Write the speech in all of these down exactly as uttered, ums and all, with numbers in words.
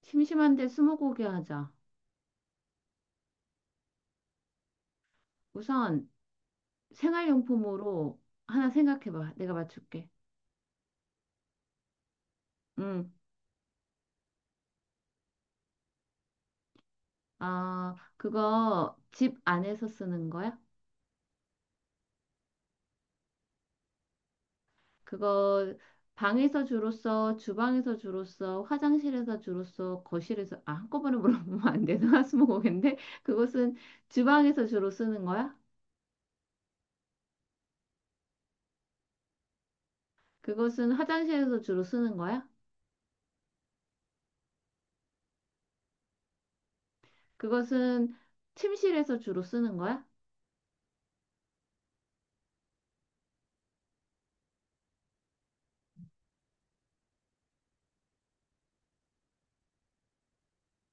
심심한데 스무고개 하자. 우선 생활용품으로 하나 생각해봐. 내가 맞출게. 응. 아, 그거 집 안에서 쓰는 거야? 그거 방에서 주로 써, 주방에서 주로 써, 화장실에서 주로 써, 거실에서, 아, 한꺼번에 물어보면 안 되나? 스무고개인데? 그것은 주방에서 주로 쓰는 거야? 그것은 화장실에서 주로 쓰는 거야? 그것은 침실에서 주로 쓰는 거야?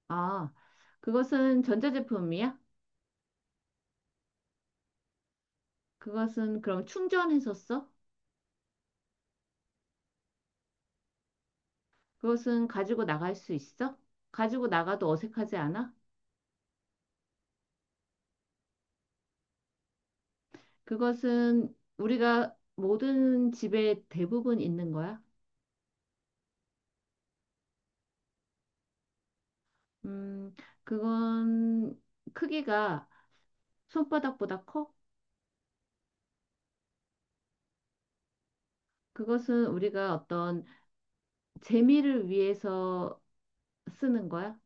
아, 그것은 전자제품이야? 그것은 그럼 충전해서 써? 그것은 가지고 나갈 수 있어? 가지고 나가도 어색하지 않아? 그것은 우리가 모든 집에 대부분 있는 거야? 음, 그건 크기가 손바닥보다 커? 그것은 우리가 어떤 재미를 위해서 쓰는 거야?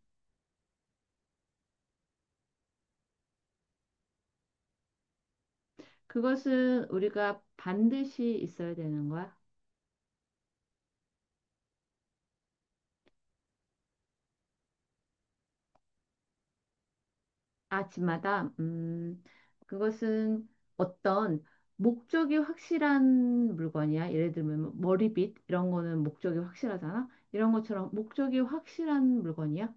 그것은 우리가 반드시 있어야 되는 거야? 아침마다, 음, 그것은 어떤 목적이 확실한 물건이야. 예를 들면 뭐 머리빗 이런 거는 목적이 확실하잖아. 이런 것처럼 목적이 확실한 물건이야.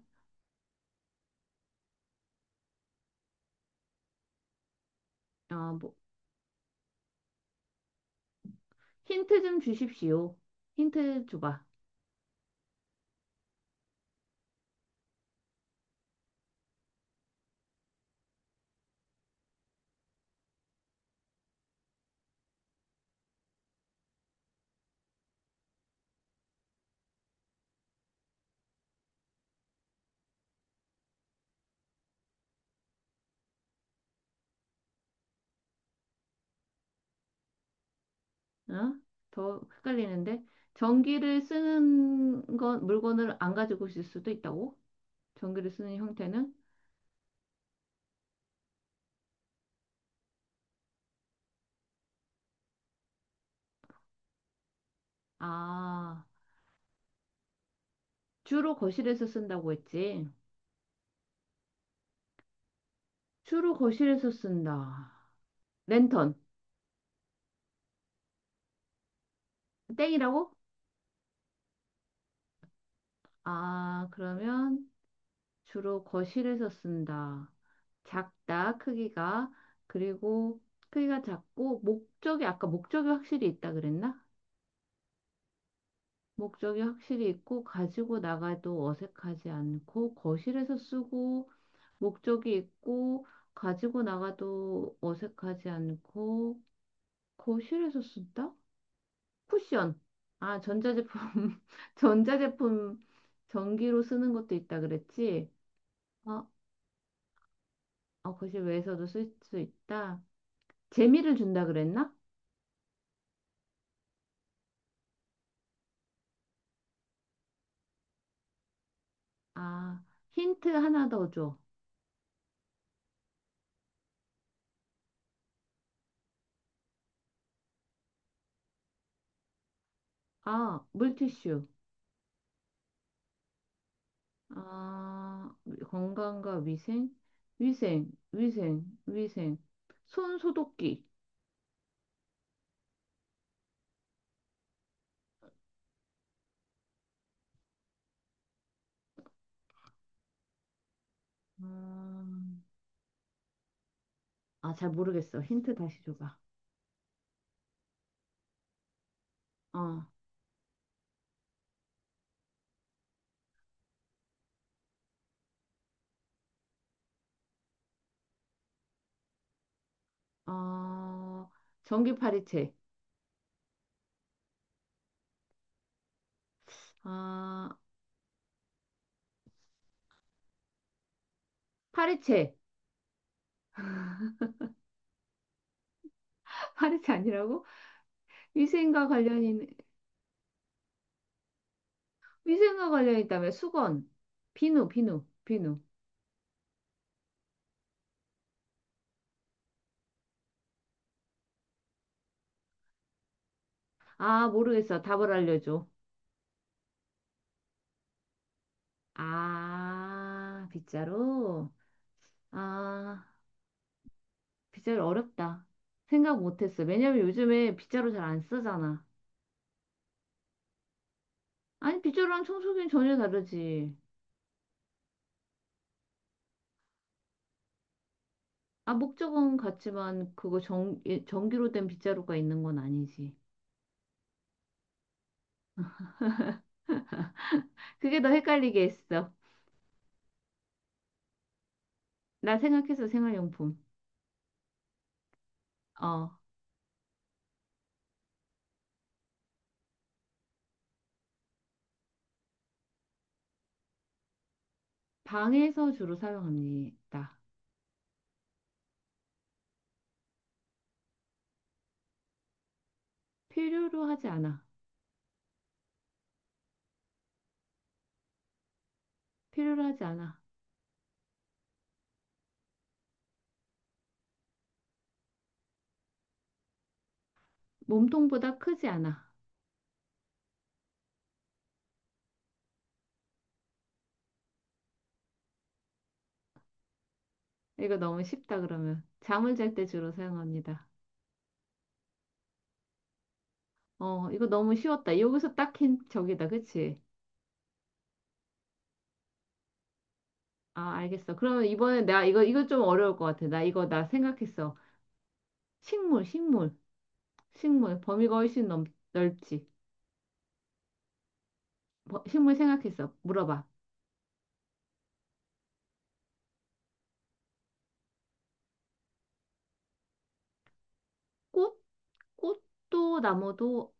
아, 뭐 힌트 좀 주십시오. 힌트 줘봐. 어? 더 헷갈리는데 전기를 쓰는 건 물건을 안 가지고 있을 수도 있다고? 전기를 쓰는 형태는? 아, 주로 거실에서 쓴다고 했지. 주로 거실에서 쓴다. 랜턴. 땡이라고? 아, 그러면 주로 거실에서 쓴다. 작다, 크기가. 그리고 크기가 작고, 목적이, 아까 목적이 확실히 있다 그랬나? 목적이 확실히 있고, 가지고 나가도 어색하지 않고, 거실에서 쓰고, 목적이 있고, 가지고 나가도 어색하지 않고, 거실에서 쓴다? 쿠션. 아, 전자제품, 전자제품 전기로 쓰는 것도 있다 그랬지? 아, 어, 거실 외에서도 쓸 수 있다. 재미를 준다 그랬나? 아, 힌트 하나 더 줘. 아, 물티슈. 아, 건강과 위생? 위생, 위생, 위생. 손 소독기. 음. 아, 잘 모르겠어. 힌트 다시 줘봐. 어, 어, 전기 파리채. 아, 파리채. 파리채 아니라고? 위생과 관련이, 위생과 관련이 있다며. 수건. 비누, 비누, 비누. 아, 모르겠어. 답을 알려줘. 아, 빗자루? 아, 빗자루 어렵다. 생각 못했어. 왜냐면 요즘에 빗자루 잘 안 쓰잖아. 아니, 빗자루랑 청소기는 전혀 다르지. 아, 목적은 같지만 그거 전, 예, 전기로 된 빗자루가 있는 건 아니지. 그게 더 헷갈리게 했어. 나 생각해서 생활용품. 어, 방에서 주로 사용합니다. 필요로 하지 않아. 필요로 하지 않아. 몸통보다 크지 않아. 이거 너무 쉽다, 그러면. 잠을 잘 때 주로 사용합니다. 어, 이거 너무 쉬웠다. 여기서 딱 힌, 저기다, 그치? 아, 알겠어. 그러면 이번에 나 이거, 이거 좀 어려울 것 같아. 나 이거, 나 생각했어. 식물, 식물, 식물. 범위가 훨씬 넘, 넓지. 버- 식물 생각했어. 물어봐. 꽃? 꽃도 나무도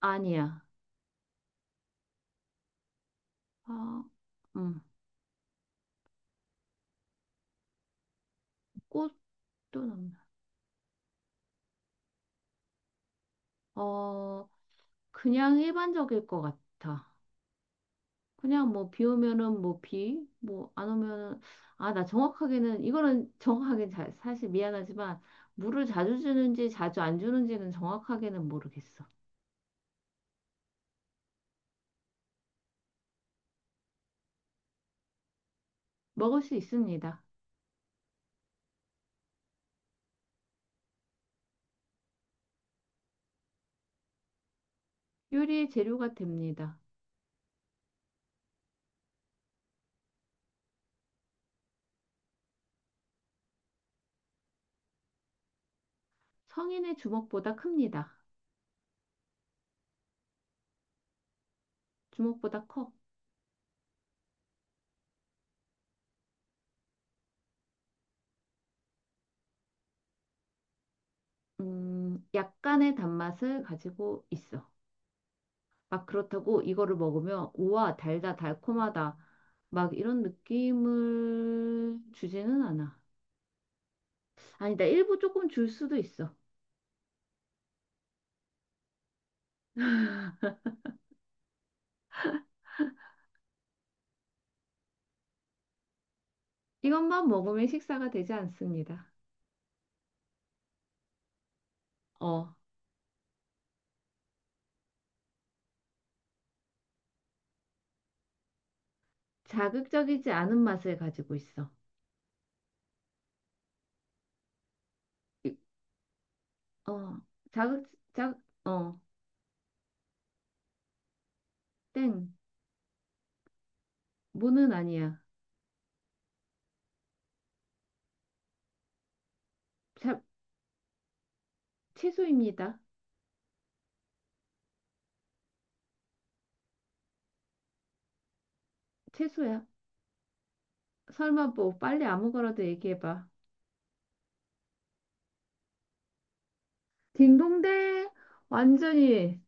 아니야. 아, 음, 꽃도 나무. 어, 그냥 일반적일 것 같아. 그냥 뭐 비 오면은 뭐 비, 뭐 안 오면은 아, 나 정확하게는 이거는 정확하게 잘 사실 미안하지만 물을 자주 주는지 자주 안 주는지는 정확하게는 모르겠어. 먹을 수 있습니다. 요리의 재료가 됩니다. 성인의 주먹보다 큽니다. 주먹보다 커. 음, 약간의 단맛을 가지고 있어. 막 그렇다고 이거를 먹으면 우와, 달다, 달콤하다. 막 이런 느낌을 주지는 않아. 아니다, 일부 조금 줄 수도 있어. 이것만 먹으면 식사가 되지 않습니다. 어, 자극적이지 않은 맛을 가지고 있어. 이- 어, 자극, 자, 어, 땡. 무는 아니야. 자, 채소입니다. 채소야. 설마 뭐 빨리 아무거라도 얘기해봐. 딩동댕. 완전히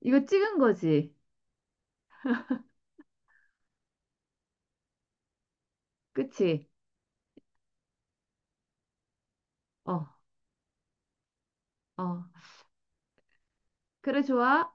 이거 찍은 거지. 그치? 어, 어. 그래, 좋아.